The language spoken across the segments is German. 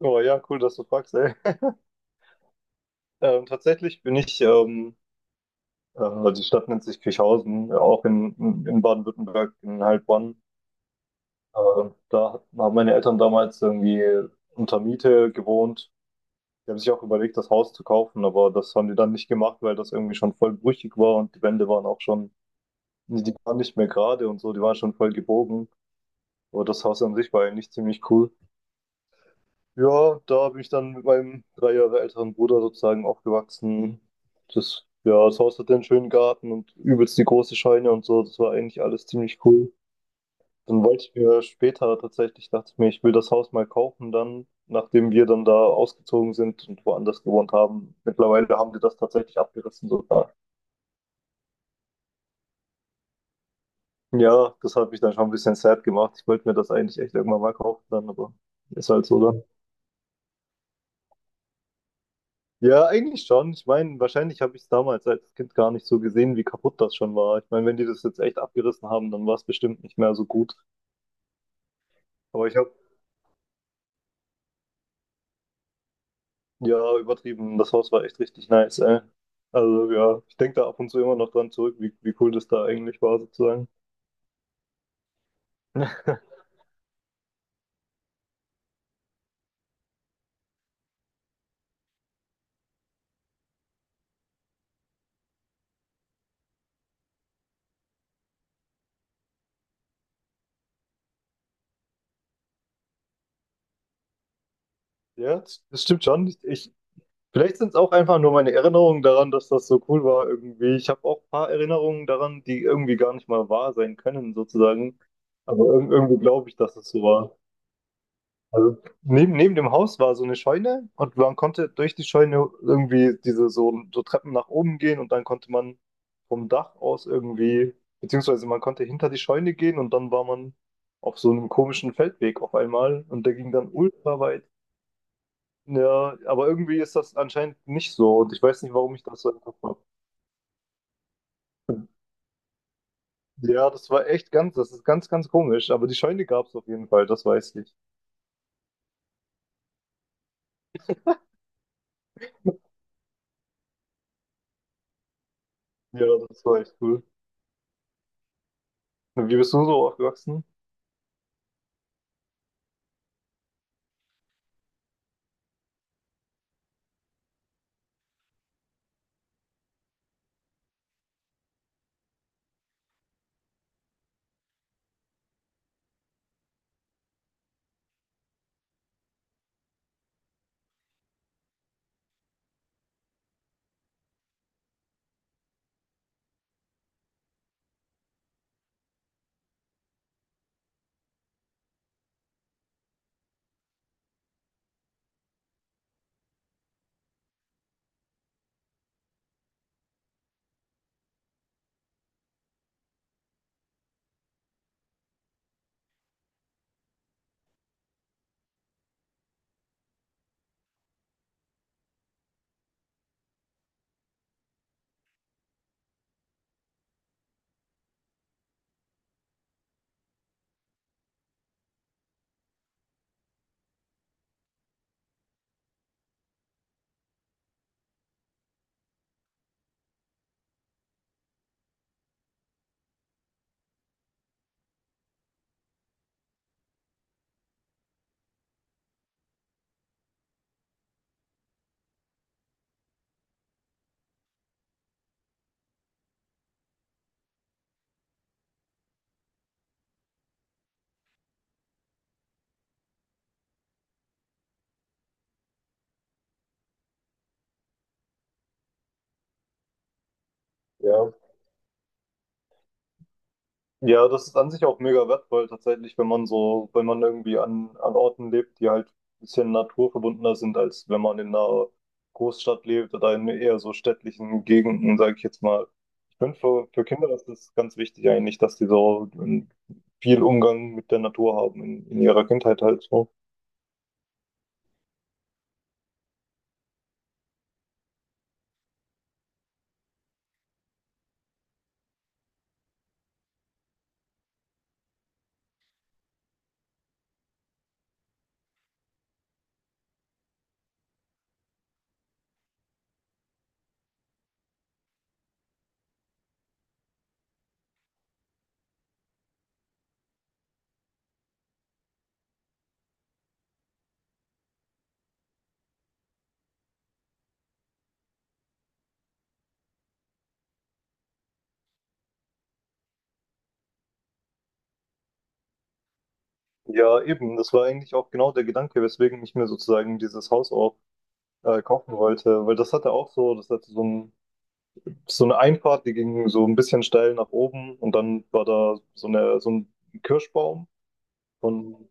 Oh ja, cool, dass du fragst, ey. Tatsächlich bin ich, die Stadt nennt sich Kirchhausen, auch in Baden-Württemberg, in Heilbronn. Äh, Haben meine Eltern damals irgendwie unter Miete gewohnt. Die haben sich auch überlegt, das Haus zu kaufen, aber das haben die dann nicht gemacht, weil das irgendwie schon voll brüchig war und die Wände waren auch schon, nee, die waren nicht mehr gerade und so, die waren schon voll gebogen. Aber das Haus an sich war eigentlich ziemlich cool. Ja, da bin ich dann mit meinem 3 Jahre älteren Bruder sozusagen aufgewachsen. Das, ja, das Haus hatte einen schönen Garten und übelst die große Scheune und so. Das war eigentlich alles ziemlich cool. Dann wollte ich mir später tatsächlich, dachte ich mir, ich will das Haus mal kaufen dann, nachdem wir dann da ausgezogen sind und woanders gewohnt haben. Mittlerweile haben die das tatsächlich abgerissen sogar. Ja, das hat mich dann schon ein bisschen sad gemacht. Ich wollte mir das eigentlich echt irgendwann mal kaufen dann, aber ist halt so. Ja, eigentlich schon. Ich meine, wahrscheinlich habe ich es damals als Kind gar nicht so gesehen, wie kaputt das schon war. Ich meine, wenn die das jetzt echt abgerissen haben, dann war es bestimmt nicht mehr so gut. Aber ich habe, ja, übertrieben. Das Haus war echt richtig nice, ey. Also ja, ich denke da ab und zu immer noch dran zurück, wie cool das da eigentlich war, sozusagen. Ja, das stimmt schon. Ich, vielleicht sind es auch einfach nur meine Erinnerungen daran, dass das so cool war irgendwie. Ich habe auch ein paar Erinnerungen daran, die irgendwie gar nicht mal wahr sein können, sozusagen. Aber ir irgendwie glaube ich, dass es so war. Also neben dem Haus war so eine Scheune und man konnte durch die Scheune irgendwie diese so Treppen nach oben gehen und dann konnte man vom Dach aus irgendwie, beziehungsweise man konnte hinter die Scheune gehen und dann war man auf so einem komischen Feldweg auf einmal und der ging dann ultra weit. Ja, aber irgendwie ist das anscheinend nicht so und ich weiß nicht, warum ich das so im Kopf habe. Ja, das ist ganz, ganz komisch, aber die Scheune gab es auf jeden Fall, das weiß ich. Ja, das war echt cool. Und wie bist du so aufgewachsen? Ja. Ja, das ist an sich auch mega wertvoll tatsächlich, wenn man irgendwie an Orten lebt, die halt ein bisschen naturverbundener sind, als wenn man in einer Großstadt lebt oder in eher so städtlichen Gegenden, sage ich jetzt mal. Ich finde für Kinder ist das ganz wichtig eigentlich, dass die so viel Umgang mit der Natur haben in ihrer Kindheit halt so. Ja, eben, das war eigentlich auch genau der Gedanke, weswegen ich mir sozusagen dieses Haus auch kaufen wollte, weil das hatte auch so, das hatte so einen so eine Einfahrt, die ging so ein bisschen steil nach oben und dann war da so, eine, so ein Kirschbaum und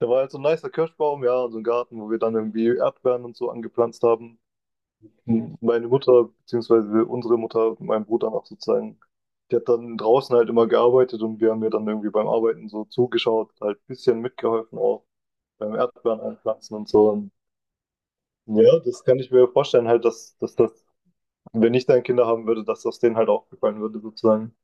da war halt so ein nicer Kirschbaum, ja, und so ein Garten, wo wir dann irgendwie Erdbeeren und so angepflanzt haben. Und meine Mutter, beziehungsweise unsere Mutter, mein Bruder auch sozusagen, die hat dann draußen halt immer gearbeitet und wir haben ihr dann irgendwie beim Arbeiten so zugeschaut, halt ein bisschen mitgeholfen auch beim Erdbeeren einpflanzen und so. Und ja, das kann ich mir vorstellen halt, dass, dass wenn ich dann Kinder haben würde, dass das denen halt auch gefallen würde sozusagen.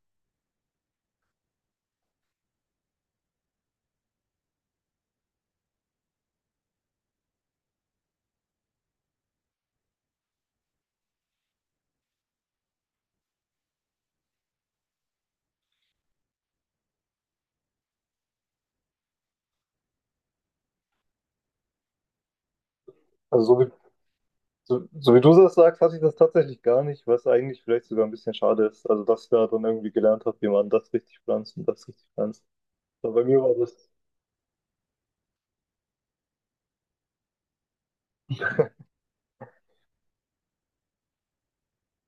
Also so wie so wie du das sagst, hatte ich das tatsächlich gar nicht, was eigentlich vielleicht sogar ein bisschen schade ist. Also, dass ich da dann irgendwie gelernt habe, wie man das richtig pflanzt und das richtig pflanzt. Aber bei mir war das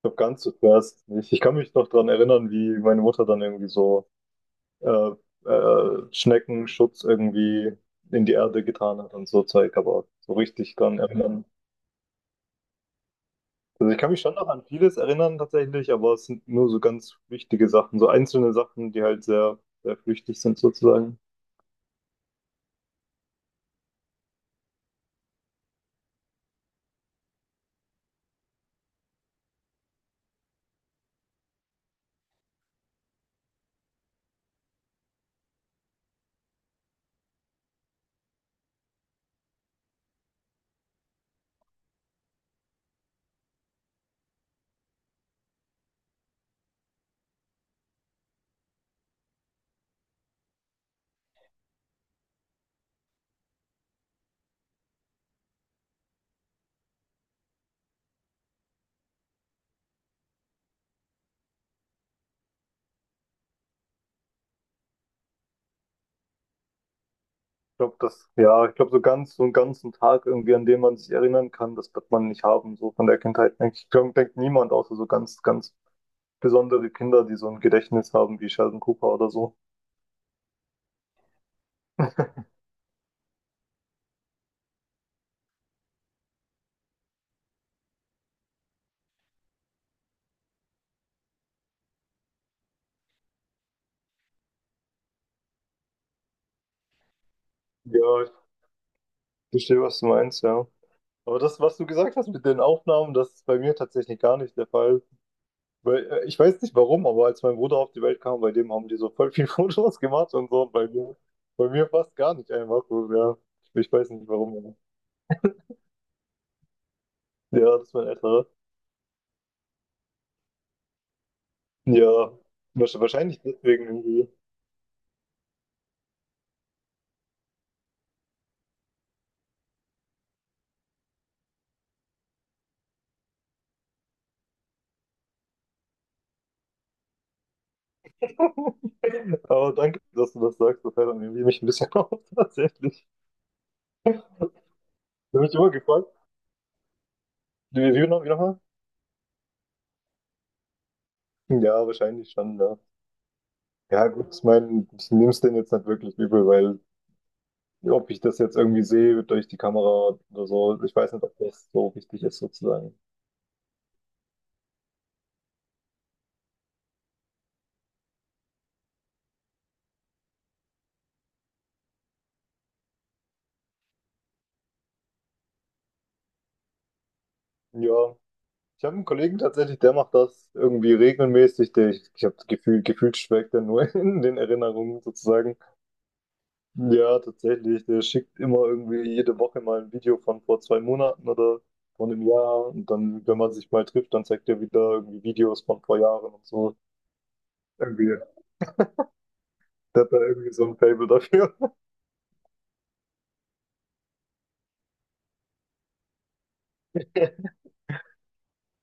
noch ganz so zuerst nicht. Ich kann mich noch daran erinnern, wie meine Mutter dann irgendwie so äh, Schneckenschutz irgendwie in die Erde getan hat und so Zeug, aber so richtig dran erinnern. Also ich kann mich schon noch an vieles erinnern tatsächlich, aber es sind nur so ganz wichtige Sachen, so einzelne Sachen, die halt sehr, sehr flüchtig sind sozusagen. Ich glaube, das, ja, ich glaube, so ganz, so einen ganzen Tag irgendwie, an den man sich erinnern kann, das wird man nicht haben, so von der Kindheit. Denke Ich glaube denkt niemand, außer so ganz, ganz besondere Kinder, die so ein Gedächtnis haben, wie Sheldon Cooper oder so. Ja, ich verstehe, was du meinst, ja. Aber das, was du gesagt hast mit den Aufnahmen, das ist bei mir tatsächlich gar nicht der Fall. Weil, ich weiß nicht warum, aber als mein Bruder auf die Welt kam, bei dem haben die so voll viel Fotos gemacht und so, und bei mir fast gar nicht einfach so, ja. Ich weiß nicht warum. Ja, das ist mein älterer. Ja, wahrscheinlich deswegen irgendwie. Aber danke, dass du das sagst. Das hält dann irgendwie mich ein bisschen auf, tatsächlich. Da bin ich immer gefragt. Wie nochmal? Ja, wahrscheinlich schon, ja. Ja, gut, ich meine, ich nehme es denen jetzt nicht wirklich übel, weil ob ich das jetzt irgendwie sehe durch die Kamera oder so, ich weiß nicht, ob das so wichtig ist, sozusagen. Ja, ich habe einen Kollegen tatsächlich, der macht das irgendwie regelmäßig. Der, ich habe gefühlt schwelgt er nur in den Erinnerungen, sozusagen. Ja, tatsächlich. Der schickt immer irgendwie jede Woche mal ein Video von vor 2 Monaten oder von einem Jahr. Und dann, wenn man sich mal trifft, dann zeigt er wieder irgendwie Videos von vor Jahren und so. Irgendwie, der hat da irgendwie so ein Faible dafür.